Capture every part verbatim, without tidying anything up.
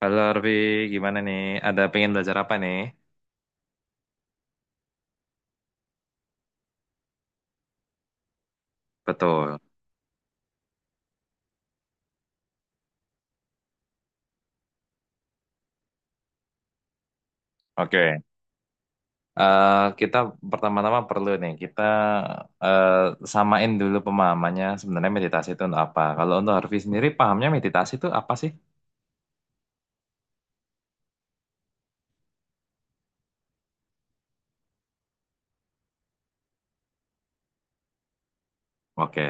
Halo Arvi, gimana nih? Ada pengen belajar apa nih? Betul. Oke, Eh, kita pertama-tama perlu nih kita eh, samain dulu pemahamannya sebenarnya meditasi itu untuk apa. Kalau untuk Harvey sendiri pahamnya meditasi itu apa sih? Oke.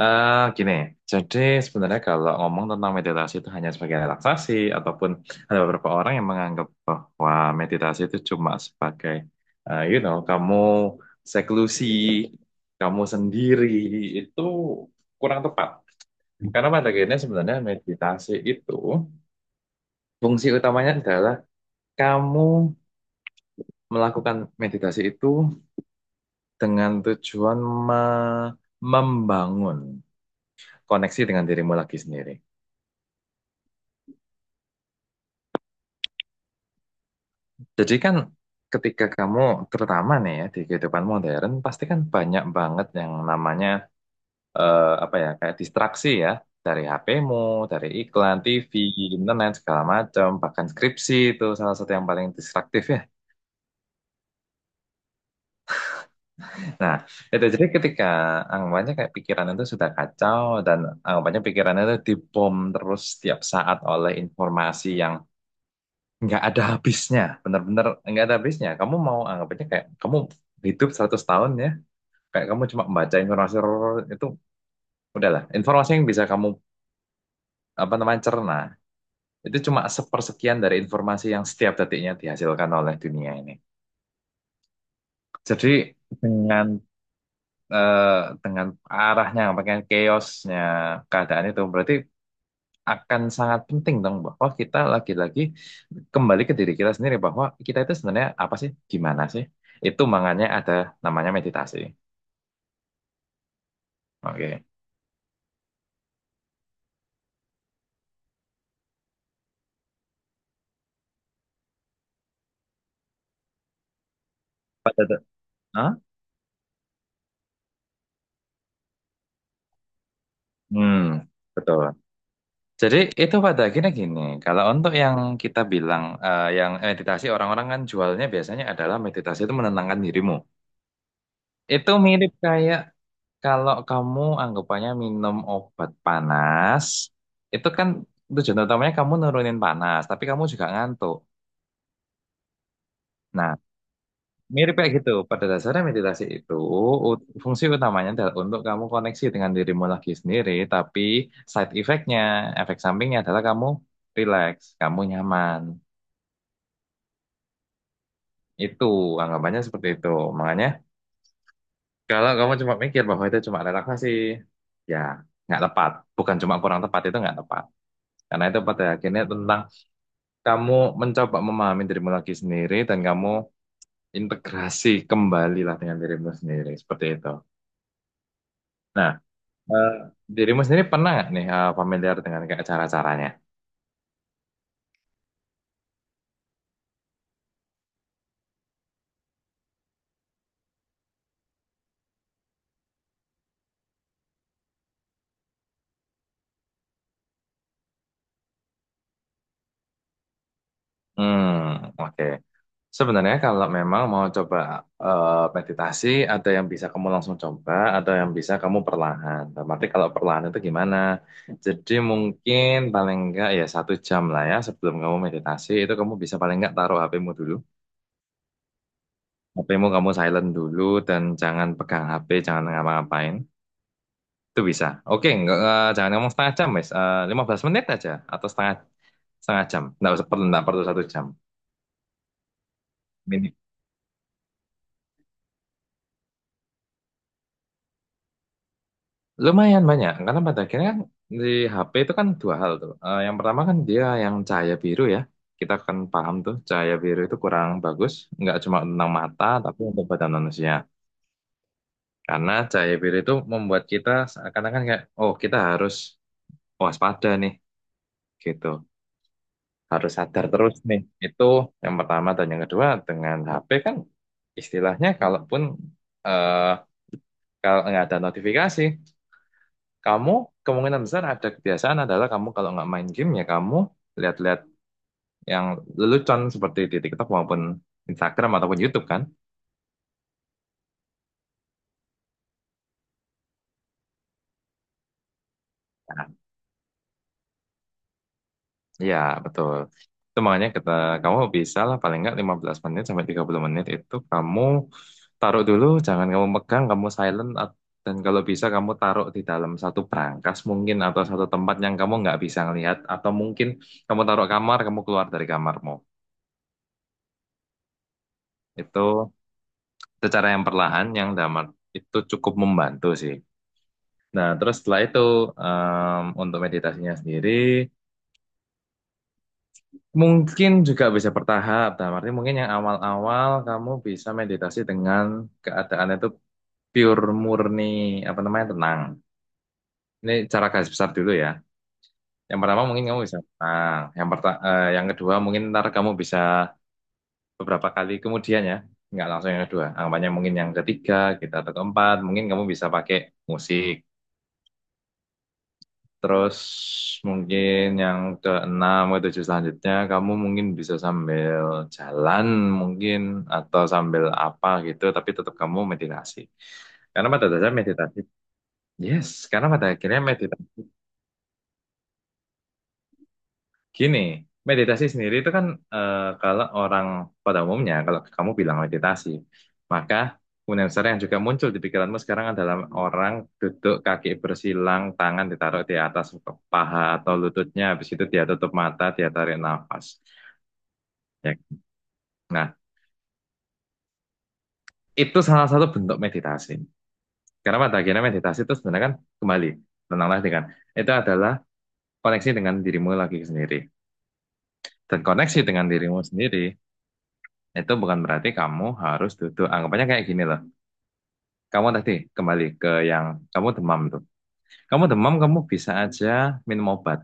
Eh, gini, jadi sebenarnya kalau ngomong tentang meditasi itu hanya sebagai relaksasi, ataupun ada beberapa orang yang menganggap bahwa meditasi itu cuma sebagai, eh, you know, kamu seklusi, kamu sendiri, itu kurang tepat. Karena pada akhirnya sebenarnya meditasi itu, fungsi utamanya adalah kamu melakukan meditasi itu dengan tujuan me- membangun koneksi dengan dirimu lagi sendiri. Jadi kan ketika kamu terutama nih ya di kehidupan modern pasti kan banyak banget yang namanya eh, apa ya kayak distraksi ya dari H P-mu, dari iklan, T V, internet segala macam, bahkan skripsi itu salah satu yang paling distraktif ya. Nah, itu jadi ketika anggapannya kayak pikiran itu sudah kacau dan anggapannya pikirannya itu dibom terus setiap saat oleh informasi yang nggak ada habisnya, bener-bener nggak ada habisnya. Kamu mau anggapannya kayak kamu hidup 100 tahun ya, kayak kamu cuma membaca informasi itu, udahlah informasi yang bisa kamu apa namanya cerna itu cuma sepersekian dari informasi yang setiap detiknya dihasilkan oleh dunia ini. Jadi dengan eh, dengan arahnya pengen chaosnya keadaan itu, berarti akan sangat penting dong bahwa kita lagi-lagi kembali ke diri kita sendiri, bahwa kita itu sebenarnya apa sih, gimana sih. Itu makanya ada namanya meditasi. Oke. pada de- Hah? Hmm, betul. Jadi itu pada akhirnya gini, kalau untuk yang kita bilang eh, yang meditasi orang-orang kan jualnya biasanya adalah meditasi itu menenangkan dirimu. Itu mirip kayak kalau kamu anggapannya minum obat panas, itu kan tujuan utamanya kamu nurunin panas, tapi kamu juga ngantuk. Nah, mirip kayak gitu. Pada dasarnya meditasi itu ut- fungsi utamanya adalah untuk kamu koneksi dengan dirimu lagi sendiri, tapi side effect-nya, efek sampingnya adalah kamu relax, kamu nyaman. Itu anggapannya seperti itu. Makanya kalau kamu cuma mikir bahwa itu cuma relaksasi, ya nggak tepat. Bukan cuma kurang tepat, itu nggak tepat. Karena itu pada akhirnya tentang kamu mencoba memahami dirimu lagi sendiri dan kamu integrasi kembali lah dengan dirimu sendiri. Seperti itu. Nah, eh, dirimu sendiri pernah nggak nih eh, familiar dengan kayak cara-caranya? Hmm, oke. Sebenarnya kalau memang mau coba eh, meditasi, ada yang bisa kamu langsung coba, ada yang bisa kamu perlahan. Tapi kalau perlahan itu gimana? Jadi mungkin paling enggak ya satu jam lah ya sebelum kamu meditasi itu kamu bisa paling enggak taruh H P-mu dulu. H P-mu kamu silent dulu dan jangan pegang H P, jangan ngapa-ngapain. Itu bisa. Oke, enggak, eh, jangan ngomong setengah jam, Mas. Eh, lima belas menit aja atau setengah setengah jam. Enggak usah perlu, enggak perlu satu jam. Lumayan banyak, karena pada akhirnya kan di H P itu kan dua hal tuh. Eh, yang pertama kan dia yang cahaya biru ya. Kita kan paham tuh cahaya biru itu kurang bagus, nggak cuma tentang mata, tapi untuk badan manusia. Karena cahaya biru itu membuat kita seakan-akan kayak, oh kita harus waspada nih, gitu. Harus sadar terus nih. Itu yang pertama. Dan yang kedua, dengan H P kan istilahnya kalaupun eh kalau nggak ada notifikasi, kamu kemungkinan besar ada kebiasaan adalah kamu kalau nggak main game ya kamu lihat-lihat yang lelucon seperti di TikTok maupun Instagram ataupun YouTube kan? Nah, ya, betul. Itu makanya kita, kamu bisa lah paling nggak 15 menit sampai 30 menit itu kamu taruh dulu, jangan kamu pegang, kamu silent, at- dan kalau bisa kamu taruh di dalam satu brankas mungkin atau satu tempat yang kamu nggak bisa ngelihat, atau mungkin kamu taruh kamar, kamu keluar dari kamarmu. Itu secara yang perlahan yang damai itu cukup membantu sih. Nah, terus setelah itu em, untuk meditasinya sendiri mungkin juga bisa bertahap. Dalam arti mungkin yang awal-awal kamu bisa meditasi dengan keadaan itu pure, murni, apa namanya, tenang. Ini cara garis besar dulu ya. Yang pertama mungkin kamu bisa tenang. Yang perta- eh, yang kedua mungkin ntar kamu bisa beberapa kali kemudian ya. Nggak langsung yang kedua. Anggapannya mungkin yang ketiga, kita atau keempat, mungkin kamu bisa pakai musik. Terus mungkin yang keenam ke tujuh selanjutnya kamu mungkin bisa sambil jalan, mungkin, atau sambil apa gitu, tapi tetap kamu meditasi. Karena pada dasarnya meditasi, yes, karena pada akhirnya meditasi. Gini, meditasi sendiri itu kan eh, kalau orang pada umumnya, kalau kamu bilang meditasi, maka kemudian besar yang juga muncul di pikiranmu sekarang adalah orang duduk kaki bersilang, tangan ditaruh di atas paha atau lututnya, habis itu dia tutup mata, dia tarik nafas. Ya. Nah, itu salah satu bentuk meditasi. Karena pada akhirnya meditasi itu sebenarnya kan kembali, tenanglah dengan, itu adalah koneksi dengan dirimu lagi sendiri. Dan koneksi dengan dirimu sendiri itu bukan berarti kamu harus duduk. Anggapannya kayak gini loh. Kamu tadi kembali ke yang kamu demam tuh. Kamu demam, kamu bisa aja minum obat.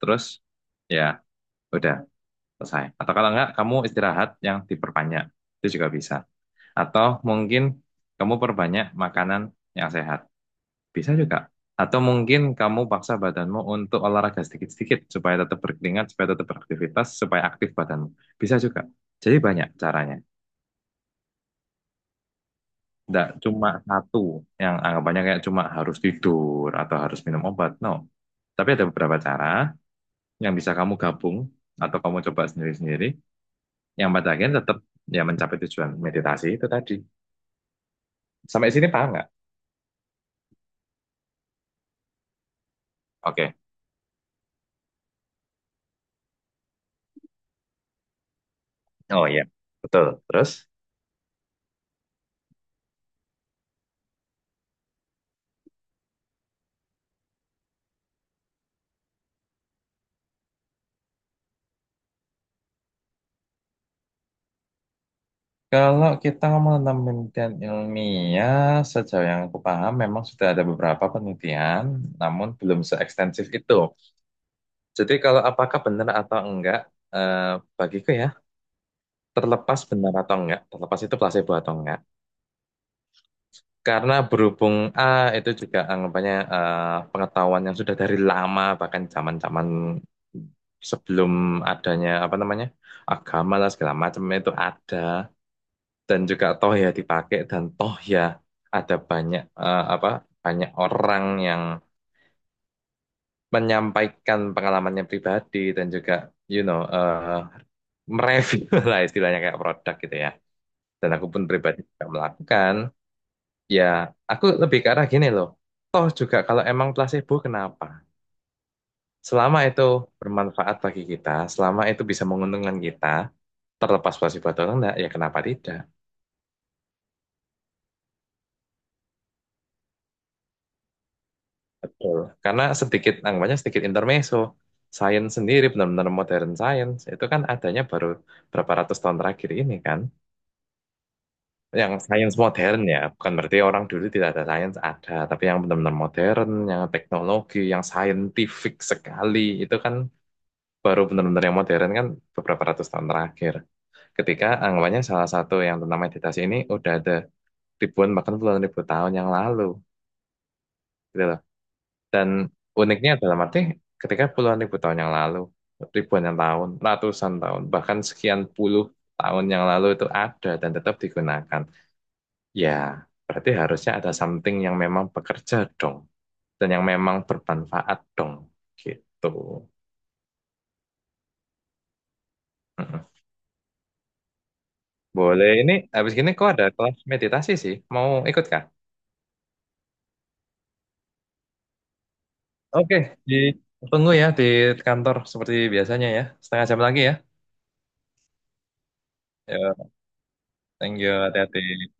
Terus ya udah, selesai. Atau kalau enggak, kamu istirahat yang diperbanyak. Itu juga bisa. Atau mungkin kamu perbanyak makanan yang sehat. Bisa juga. Atau mungkin kamu paksa badanmu untuk olahraga sedikit-sedikit supaya tetap berkeringat, supaya tetap beraktivitas, supaya aktif badanmu. Bisa juga. Jadi banyak caranya. Enggak, cuma satu yang anggapannya kayak cuma harus tidur atau harus minum obat. No. Tapi ada beberapa cara yang bisa kamu gabung atau kamu coba sendiri-sendiri yang pada akhirnya tetap ya mencapai tujuan meditasi itu tadi. Sampai sini paham nggak? Oke. Oh iya. Betul. Terus? Kalau kita ngomong tentang penelitian ilmiah, sejauh yang aku paham memang sudah ada beberapa penelitian, namun belum seekstensif itu. Jadi kalau apakah benar atau enggak, eh, bagiku ya terlepas benar atau enggak, terlepas itu placebo atau enggak. Karena berhubung A itu juga anggapannya eh, pengetahuan yang sudah dari lama, bahkan zaman-zaman sebelum adanya apa namanya agama lah segala macam itu ada, dan juga toh ya dipakai, dan toh ya ada banyak eh, apa banyak orang yang menyampaikan pengalamannya pribadi, dan juga you know eh, mereview lah istilahnya kayak produk gitu ya. Dan aku pun pribadi juga melakukan. Ya, aku lebih ke arah gini loh. Toh juga kalau emang placebo kenapa? Selama itu bermanfaat bagi kita, selama itu bisa menguntungkan kita, terlepas placebo atau enggak, ya kenapa tidak? Betul. Karena sedikit, anggapannya sedikit intermezzo. Sains sendiri, benar-benar modern science, itu kan adanya baru berapa ratus tahun terakhir ini kan. Yang sains modern ya, bukan berarti orang dulu tidak ada sains, ada. Tapi yang benar-benar modern, yang teknologi, yang scientific sekali, itu kan baru benar-benar yang modern kan beberapa ratus tahun terakhir. Ketika anggapannya salah satu yang tentang meditasi ini udah ada ribuan bahkan puluhan ribu tahun yang lalu, gitu loh. Dan uniknya dalam arti ketika puluhan ribu tahun yang lalu, ribuan yang tahun, ratusan tahun, bahkan sekian puluh tahun yang lalu itu ada dan tetap digunakan. Ya, berarti harusnya ada something yang memang bekerja dong, dan yang memang bermanfaat dong, gitu. Boleh, ini habis gini kok ada kelas meditasi sih. Mau ikut kah? Oke, di tunggu ya di kantor seperti biasanya ya. Setengah jam lagi ya. Ya, thank you, hati-hati.